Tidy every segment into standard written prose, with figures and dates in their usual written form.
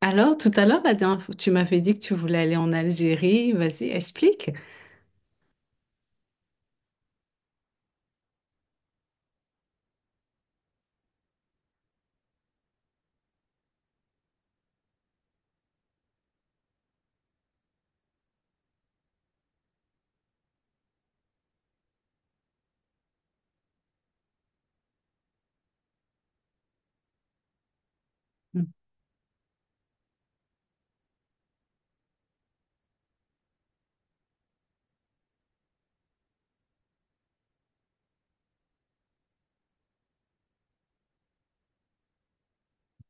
Alors, tout à l'heure, la dernière fois, tu m'avais dit que tu voulais aller en Algérie. Vas-y, explique.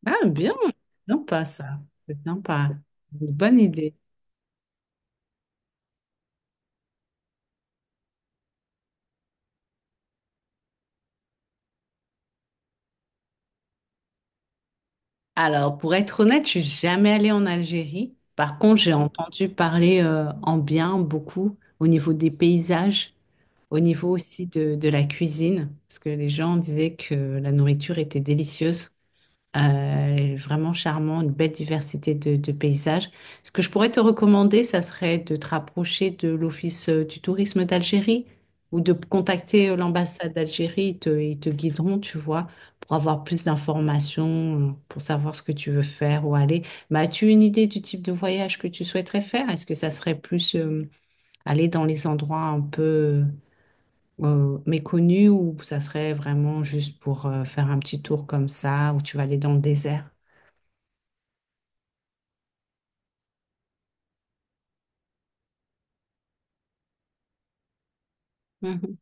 Ah, bien. Non pas ça. C'est sympa. Une bonne idée. Alors, pour être honnête, je suis jamais allée en Algérie. Par contre, j'ai entendu parler en bien beaucoup au niveau des paysages, au niveau aussi de la cuisine, parce que les gens disaient que la nourriture était délicieuse. Vraiment charmant, une belle diversité de paysages. Ce que je pourrais te recommander, ça serait de te rapprocher de l'Office du tourisme d'Algérie ou de contacter l'ambassade d'Algérie. Ils te guideront, tu vois, pour avoir plus d'informations, pour savoir ce que tu veux faire, ou aller. Bah, as-tu une idée du type de voyage que tu souhaiterais faire? Est-ce que ça serait plus aller dans les endroits un peu méconnus ou ça serait vraiment juste pour faire un petit tour comme ça, où tu vas aller dans le désert? Mmh.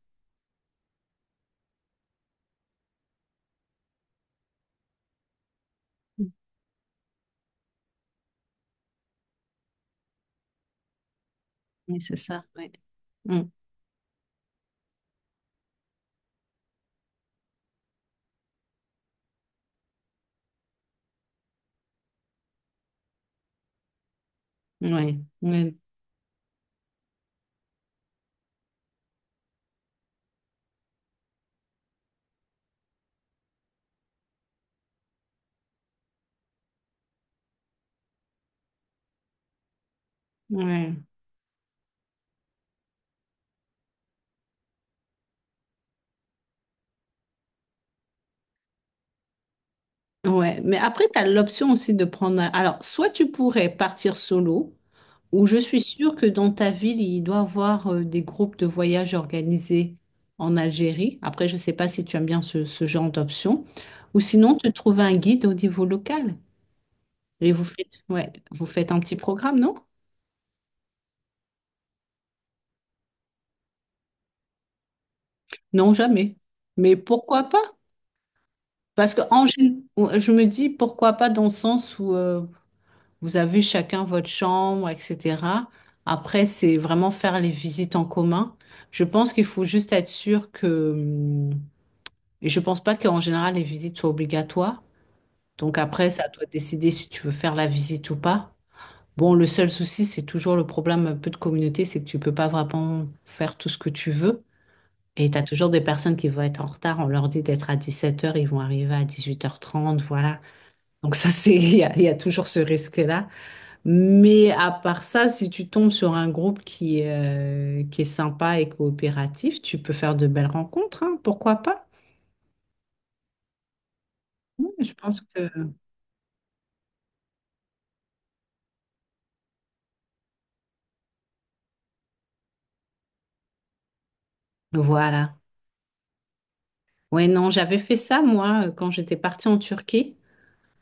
Oui, c'est ça, oui. Mmh. Oui, oui, oui. Ouais, mais après, tu as l'option aussi de prendre un- Alors, soit tu pourrais partir solo, ou je suis sûre que dans ta ville, il doit y avoir des groupes de voyage organisés en Algérie. Après, je ne sais pas si tu aimes bien ce genre d'option. Ou sinon, te trouver un guide au niveau local. Et vous faites, ouais, vous faites un petit programme, non? Non, jamais. Mais pourquoi pas? Parce que en, gén- Je me dis pourquoi pas dans le sens où... Vous avez chacun votre chambre, etc. Après, c'est vraiment faire les visites en commun. Je pense qu'il faut juste être sûr que, et je pense pas qu'en général les visites soient obligatoires. Donc après, ça doit décider si tu veux faire la visite ou pas. Bon, le seul souci, c'est toujours le problème un peu de communauté, c'est que tu peux pas vraiment faire tout ce que tu veux. Et tu as toujours des personnes qui vont être en retard. On leur dit d'être à 17 heures, ils vont arriver à 18:30, voilà. Donc ça, c'est, il y a toujours ce risque-là. Mais à part ça, si tu tombes sur un groupe qui est sympa et coopératif, tu peux faire de belles rencontres, hein, pourquoi pas? Oui, je pense que... Voilà. Ouais, non, j'avais fait ça, moi, quand j'étais partie en Turquie.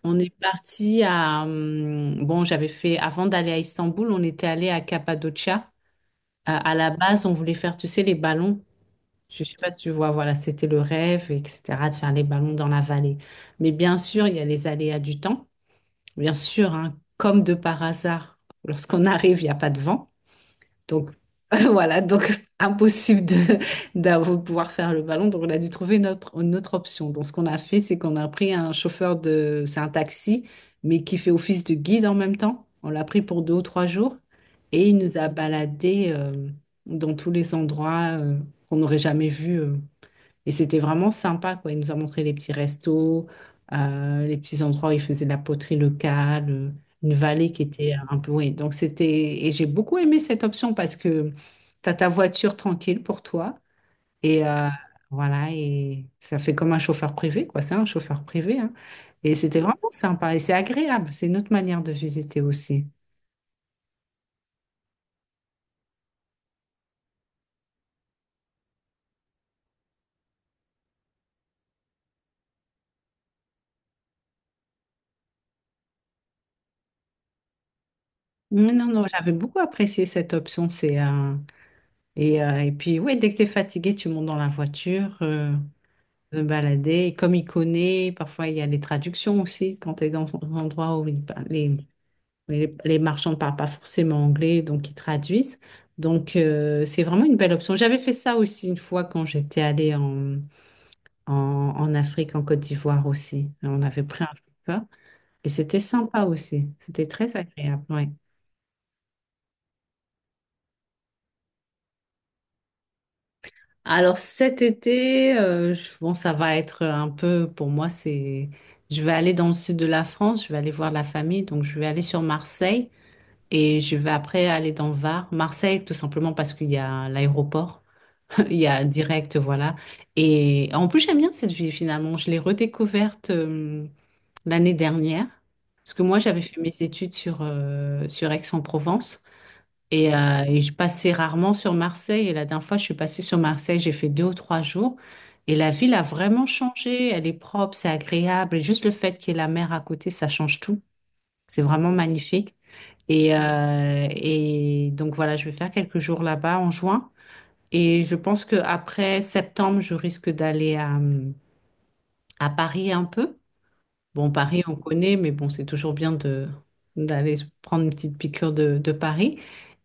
On est parti à... Bon, j'avais fait... Avant d'aller à Istanbul, on était allé à Cappadocia. À la base, on voulait faire, tu sais, les ballons. Je sais pas si tu vois, voilà, c'était le rêve, etc., de faire les ballons dans la vallée. Mais bien sûr, il y a les aléas du temps. Bien sûr, hein, comme de par hasard, lorsqu'on arrive, il n'y a pas de vent. Donc voilà, donc impossible de, pouvoir faire le ballon. Donc on a dû trouver une autre option. Donc ce qu'on a fait, c'est qu'on a pris un chauffeur de, c'est un taxi, mais qui fait office de guide en même temps. On l'a pris pour 2 ou 3 jours et il nous a baladés dans tous les endroits qu'on n'aurait jamais vus. Et c'était vraiment sympa, quoi. Il nous a montré les petits restos, les petits endroits où il faisait de la poterie locale, une vallée qui était un peu... Oui, donc c'était... Et j'ai beaucoup aimé cette option parce que tu as ta voiture tranquille pour toi. Et voilà, et ça fait comme un chauffeur privé, quoi. C'est un chauffeur privé, hein. Et c'était vraiment sympa. Et c'est agréable. C'est une autre manière de visiter aussi. Mais non, non, j'avais beaucoup apprécié cette option. Et, et puis, ouais, dès que tu es fatigué, tu montes dans la voiture. Me balader. Et comme il connaît, parfois il y a les traductions aussi quand tu es dans un endroit où il parle- les marchands ne parlent pas forcément anglais, donc ils traduisent. Donc c'est vraiment une belle option. J'avais fait ça aussi une fois quand j'étais allée en, en Afrique, en Côte d'Ivoire aussi. On avait pris un chauffeur et c'était sympa aussi. C'était très agréable, ouais. Alors cet été, bon, ça va être un peu, pour moi, c'est... Je vais aller dans le sud de la France, je vais aller voir la famille, donc je vais aller sur Marseille. Et je vais après aller dans Var, Marseille, tout simplement parce qu'il y a l'aéroport. Il y a direct, voilà. Et en plus, j'aime bien cette ville finalement. Je l'ai redécouverte l'année dernière. Parce que moi, j'avais fait mes études sur, sur Aix-en-Provence. Et je passais rarement sur Marseille. Et la dernière fois, je suis passée sur Marseille, j'ai fait 2 ou 3 jours. Et la ville a vraiment changé. Elle est propre, c'est agréable. Et juste le fait qu'il y ait la mer à côté, ça change tout. C'est vraiment magnifique. Et donc voilà, je vais faire quelques jours là-bas en juin. Et je pense que après septembre, je risque d'aller à Paris un peu. Bon, Paris, on connaît, mais bon, c'est toujours bien de d'aller prendre une petite piqûre de Paris.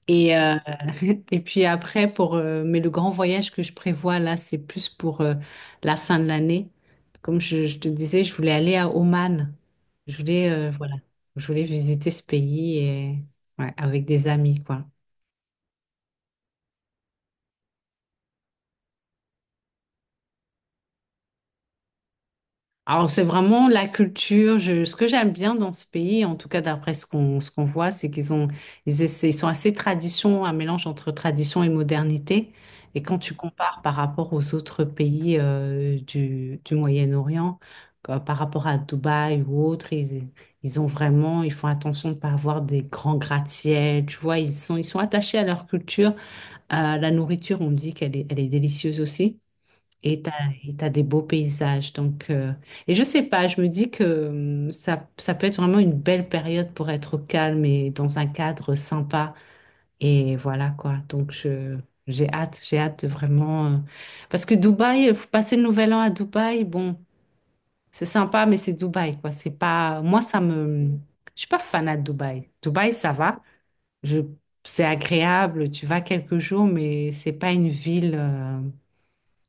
Et, et puis après, pour, mais le grand voyage que je prévois là, c'est plus pour la fin de l'année. Comme je te disais, je voulais aller à Oman. Je voulais, voilà, je voulais visiter ce pays et, ouais, avec des amis, quoi. Alors, c'est vraiment la culture. Ce que j'aime bien dans ce pays, en tout cas d'après ce qu'on voit, c'est qu'ils ont, ils sont assez tradition, un mélange entre tradition et modernité. Et quand tu compares par rapport aux autres pays du Moyen-Orient, comme par rapport à Dubaï ou autres, ils ont vraiment, ils font attention de ne pas avoir des grands gratte-ciels. Tu vois, ils sont attachés à leur culture. À la nourriture, on me dit elle est délicieuse aussi. Et t'as, et t'as des beaux paysages. Donc, et je sais pas, je me dis que ça peut être vraiment une belle période pour être au calme et dans un cadre sympa. Et voilà quoi. Donc, j'ai hâte de vraiment. Parce que Dubaï, faut passer le nouvel an à Dubaï, bon, c'est sympa, mais c'est Dubaï quoi. C'est pas. Moi, ça me. Je suis pas fanat de Dubaï. Dubaï, ça va. Je... C'est agréable, tu vas quelques jours, mais c'est pas une ville.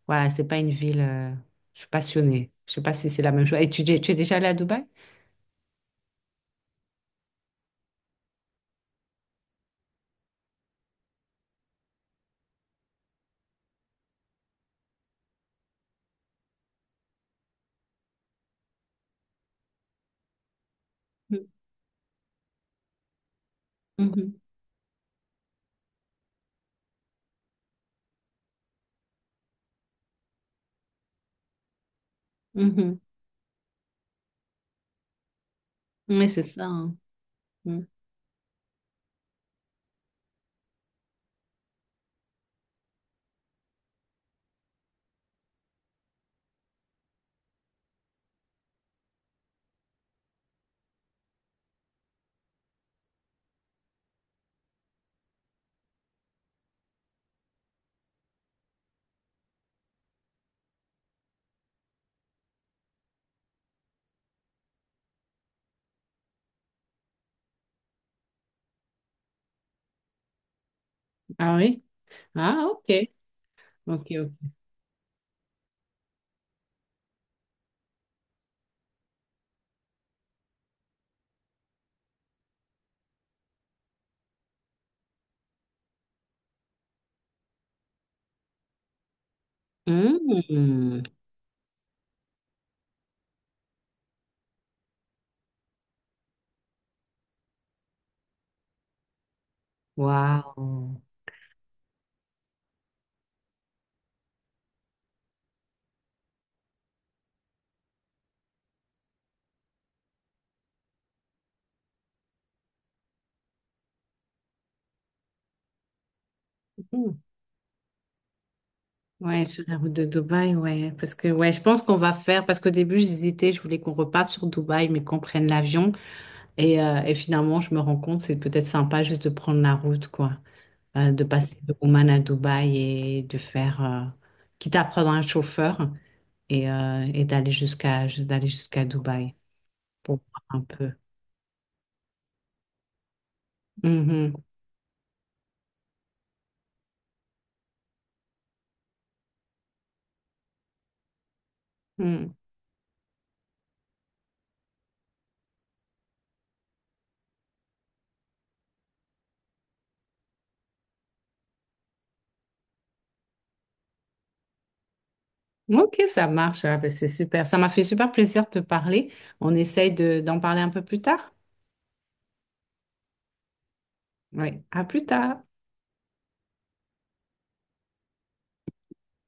Voilà, c'est pas une ville. Je suis passionnée. Je sais pas si c'est la même chose. Et tu es déjà allée à Dubaï? Mhm, mhm. Oui, c'est ça, hein. Mhm. Ah oui? Ah, ok. Ok, ok. Hmm. Waouh. Mhm. Ouais, sur la route de Dubaï, ouais. Parce que, ouais, je pense qu'on va faire. Parce qu'au début, j'hésitais. Je voulais qu'on reparte sur Dubaï, mais qu'on prenne l'avion. Et finalement, je me rends compte, c'est peut-être sympa juste de prendre la route, quoi. De passer de Oman à Dubaï et de faire, quitte à prendre un chauffeur et d'aller jusqu'à Dubaï pour voir un peu. Mhm. Mm. Ok, ça marche. Ah, ben, c'est super. Ça m'a fait super plaisir de te parler. On essaye de, d'en parler un peu plus tard. Oui, à plus tard.